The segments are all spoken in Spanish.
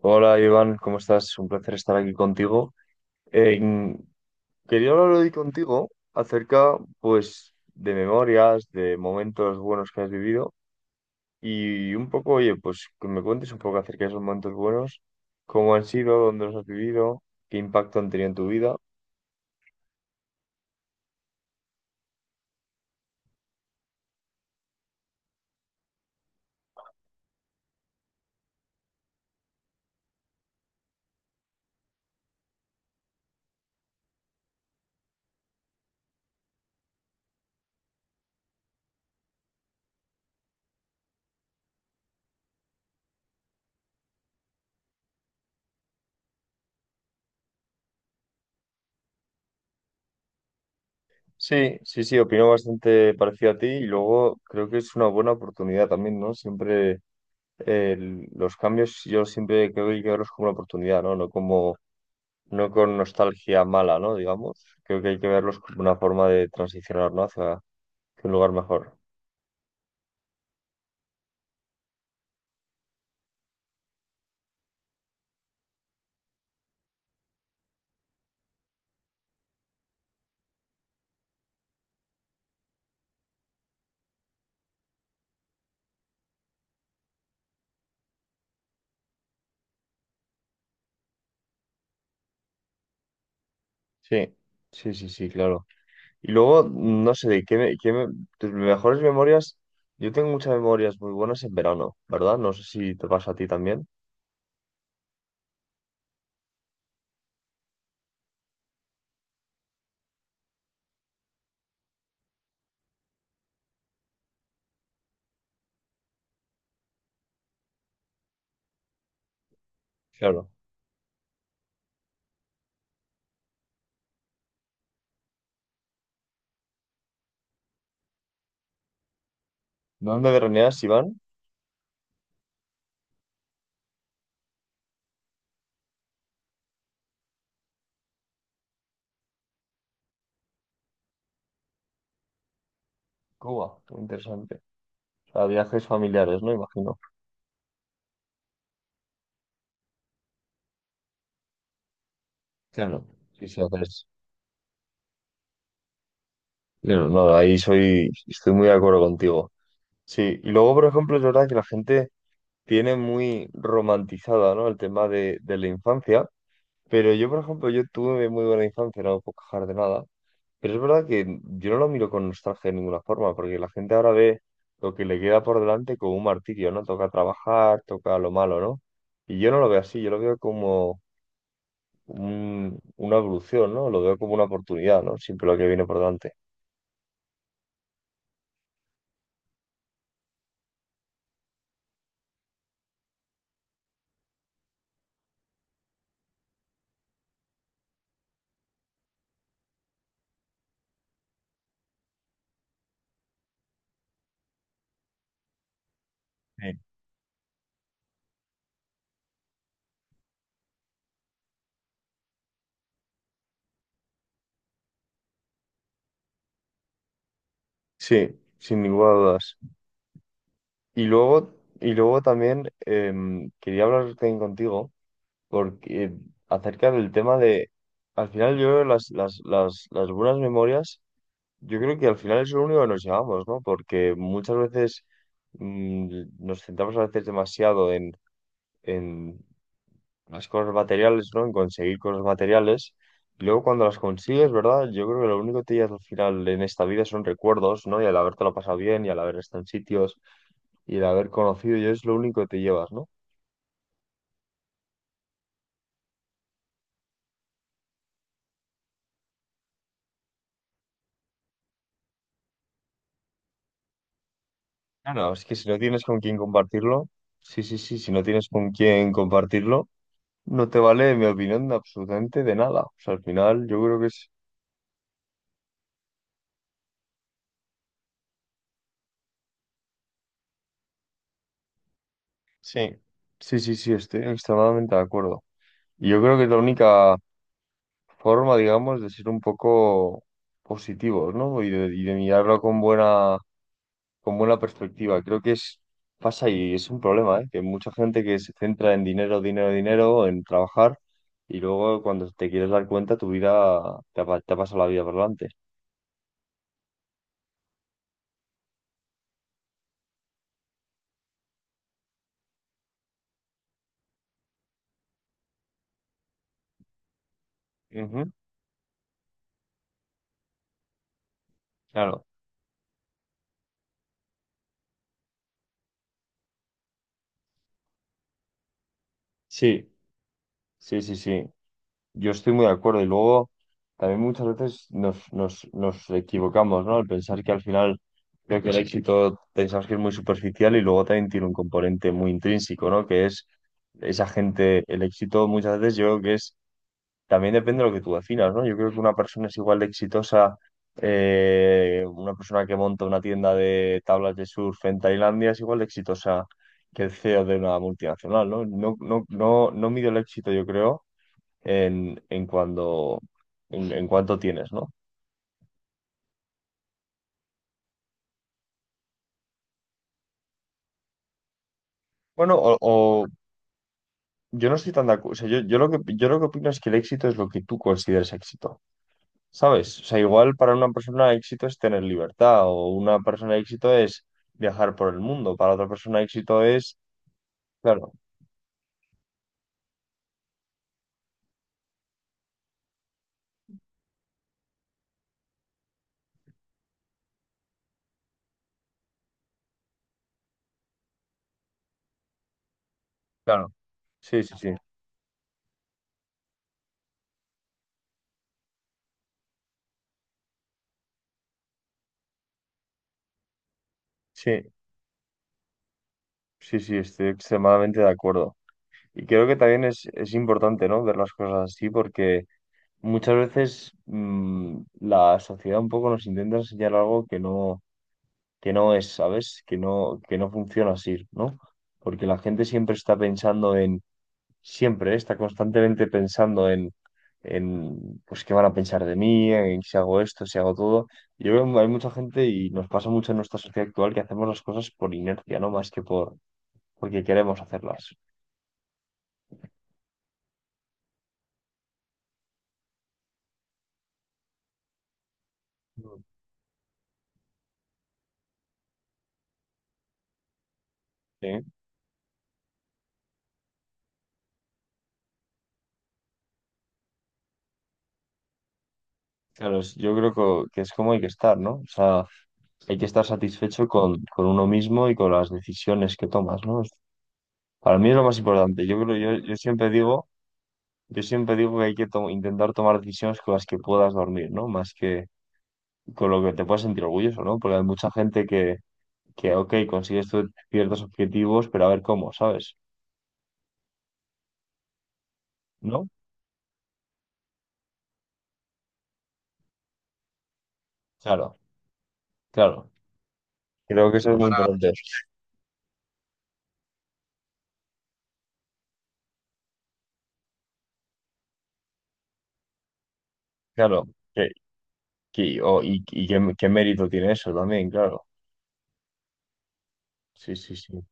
Hola Iván, ¿cómo estás? Un placer estar aquí contigo. Eh, Quería hablar hoy contigo acerca, pues, de memorias, de momentos buenos que has vivido y un poco, oye, pues, que me cuentes un poco acerca de esos momentos buenos, cómo han sido, dónde los has vivido, qué impacto han tenido en tu vida. Sí, sí, sí, opino bastante parecido a ti y luego creo que es una buena oportunidad también, ¿no? Siempre eh, los cambios yo siempre creo que hay que verlos como una oportunidad, ¿no? No como no con nostalgia mala, ¿no? Digamos, creo que hay que verlos como una forma de transicionar, ¿no? Hacia un lugar mejor. Sí, sí, sí, sí, claro. Y luego, no sé, de qué me- tus mejores memorias, yo tengo muchas memorias muy buenas en verano, ¿verdad? No sé si te pasa a ti también. Claro. ¿Dónde veraneas, Iván? Cuba, muy interesante. O sea, viajes familiares, ¿no? Imagino. Claro. Sí, sí, haces. Claro, no, ahí soy, estoy muy de acuerdo contigo. Sí, y luego, por ejemplo, es verdad que la gente tiene muy romantizada, ¿no? El tema de la infancia. Pero yo, por ejemplo, yo tuve muy buena infancia, no me puedo quejar de nada. Pero es verdad que yo no lo miro con nostalgia de ninguna forma, porque la gente ahora ve lo que le queda por delante como un martirio, ¿no? Toca trabajar, toca lo malo, ¿no? Y yo no lo veo así, yo lo veo como una evolución, ¿no? Lo veo como una oportunidad, ¿no? Siempre lo que viene por delante. Sí. Sí, sin ninguna duda. Y luego, y luego también quería hablar también contigo porque acerca del tema de, al final yo creo que las buenas memorias, yo creo que al final es lo único que nos llevamos, ¿no? Porque muchas veces mm, nos centramos a veces demasiado en las cosas materiales, ¿no? En conseguir cosas materiales. Y luego cuando las consigues, ¿verdad? Yo creo que lo único que te llevas al final en esta vida son recuerdos, ¿no? Y al habértelo pasado bien, y al haber estado en sitios, y al haber conocido, yo es lo único que te llevas, ¿no? Claro, es que si no tienes con quién compartirlo, sí, sí, sí, si no tienes con quién compartirlo, no te vale, en mi opinión, de absolutamente de nada. O sea, al final yo creo que es... Sí, sí, sí, sí, estoy extremadamente de acuerdo. Y yo creo que es la única forma, digamos, de ser un poco positivos, ¿no? Y y de mirarlo con buena perspectiva. Creo que es, pasa y es un problema, ¿eh? Que mucha gente que se centra en dinero, dinero, dinero, en trabajar, y luego cuando te quieres dar cuenta, tu vida te ha pasado la vida por delante. Ujú. Claro. Sí, sí, sí, sí. Yo estoy muy de acuerdo. Y luego también muchas veces nos equivocamos, ¿no? Al pensar que al final creo que el éxito pensamos que es muy superficial y luego también tiene un componente muy intrínseco, ¿no? Que es esa gente, el éxito muchas veces yo creo que es. También depende de lo que tú definas, ¿no? Yo creo que una persona es igual de exitosa, una persona que monta una tienda de tablas de surf en Tailandia es igual de exitosa que el CEO de una multinacional, ¿no? No, no, no, no mido el éxito, yo creo, en, en cuando, en cuánto tienes, ¿no? Bueno, o yo no estoy tan de acuerdo. Yo lo que opino es que el éxito es lo que tú consideres éxito. ¿Sabes? O sea, igual para una persona éxito es tener libertad, o una persona éxito es viajar por el mundo, para otra persona éxito es... Claro, claro. Sí, sí, sí. Sí, sí, sí, estoy extremadamente de acuerdo. Y creo que también es importante, ¿no? Ver las cosas así, porque muchas veces la sociedad un poco nos intenta enseñar algo que no es, ¿sabes? Que no funciona así, ¿no? Porque la gente siempre está pensando en siempre, ¿eh? Está constantemente pensando en, pues, qué van a pensar de mí, en si hago esto, si hago todo. Yo creo que hay mucha gente y nos pasa mucho en nuestra sociedad actual que hacemos las cosas por inercia, no más que porque queremos hacerlas. Mm. ¿Sí? Claro, es- yo creo que es como hay que estar, ¿no? O sea, hay que estar satisfecho con uno mismo y con las decisiones que tomas, ¿no? Es- Para mí es lo más importante. Yo creo, yo siempre digo que hay que intentar tomar decisiones con las que puedas dormir, ¿no? Más que con lo que te puedas sentir orgulloso, ¿no? Porque hay mucha que ok, consigues ciertos objetivos, pero a ver cómo, ¿sabes? ¿No? Claro, claro. Creo que eso es muy Ojalá. Importante. Claro. Que, y qué, qué mérito tiene eso también, claro. Sí, sí, sí.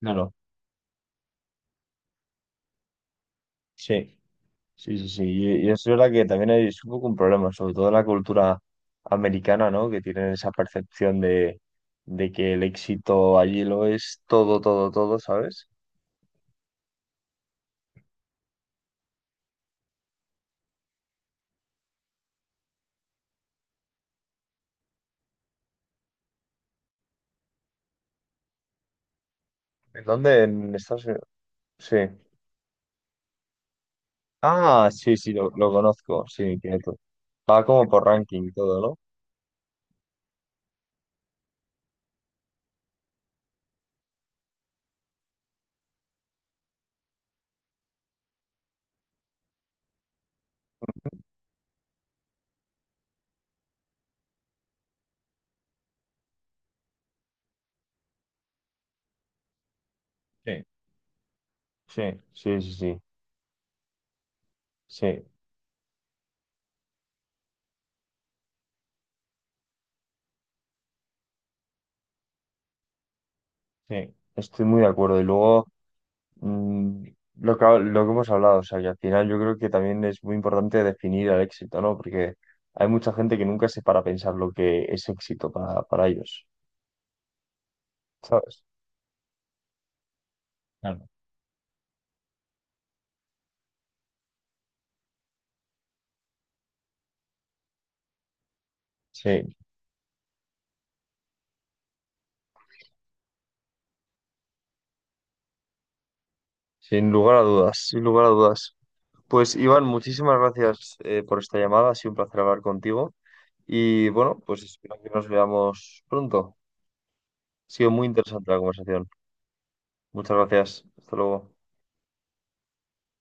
Claro. Sí, sí, sí, sí. Y es verdad que también hay- es un poco un problema, sobre todo en la cultura americana, ¿no? Que tienen esa percepción de que el éxito allí lo es todo, todo, todo, ¿sabes? ¿En dónde? En Estados Unidos. Sí. Ah, sí, sí, lo conozco, sí, quieto. Va como por ranking y todo, ¿no? Sí, sí, sí, sí, sí, sí, sí. Estoy muy de acuerdo. Y luego, mm, lo que, lo que hemos hablado, o sea, que al final yo creo que también es muy importante definir el éxito, ¿no? Porque hay mucha gente que nunca se para a pensar lo que es éxito para ellos, ¿sabes? Claro. Sí, sin lugar a dudas, sin lugar a dudas. Pues Iván, muchísimas gracias por esta llamada, ha sido un placer hablar contigo. Y bueno, pues espero que nos veamos pronto. Ha sido muy interesante la conversación. Muchas gracias. Hasta luego.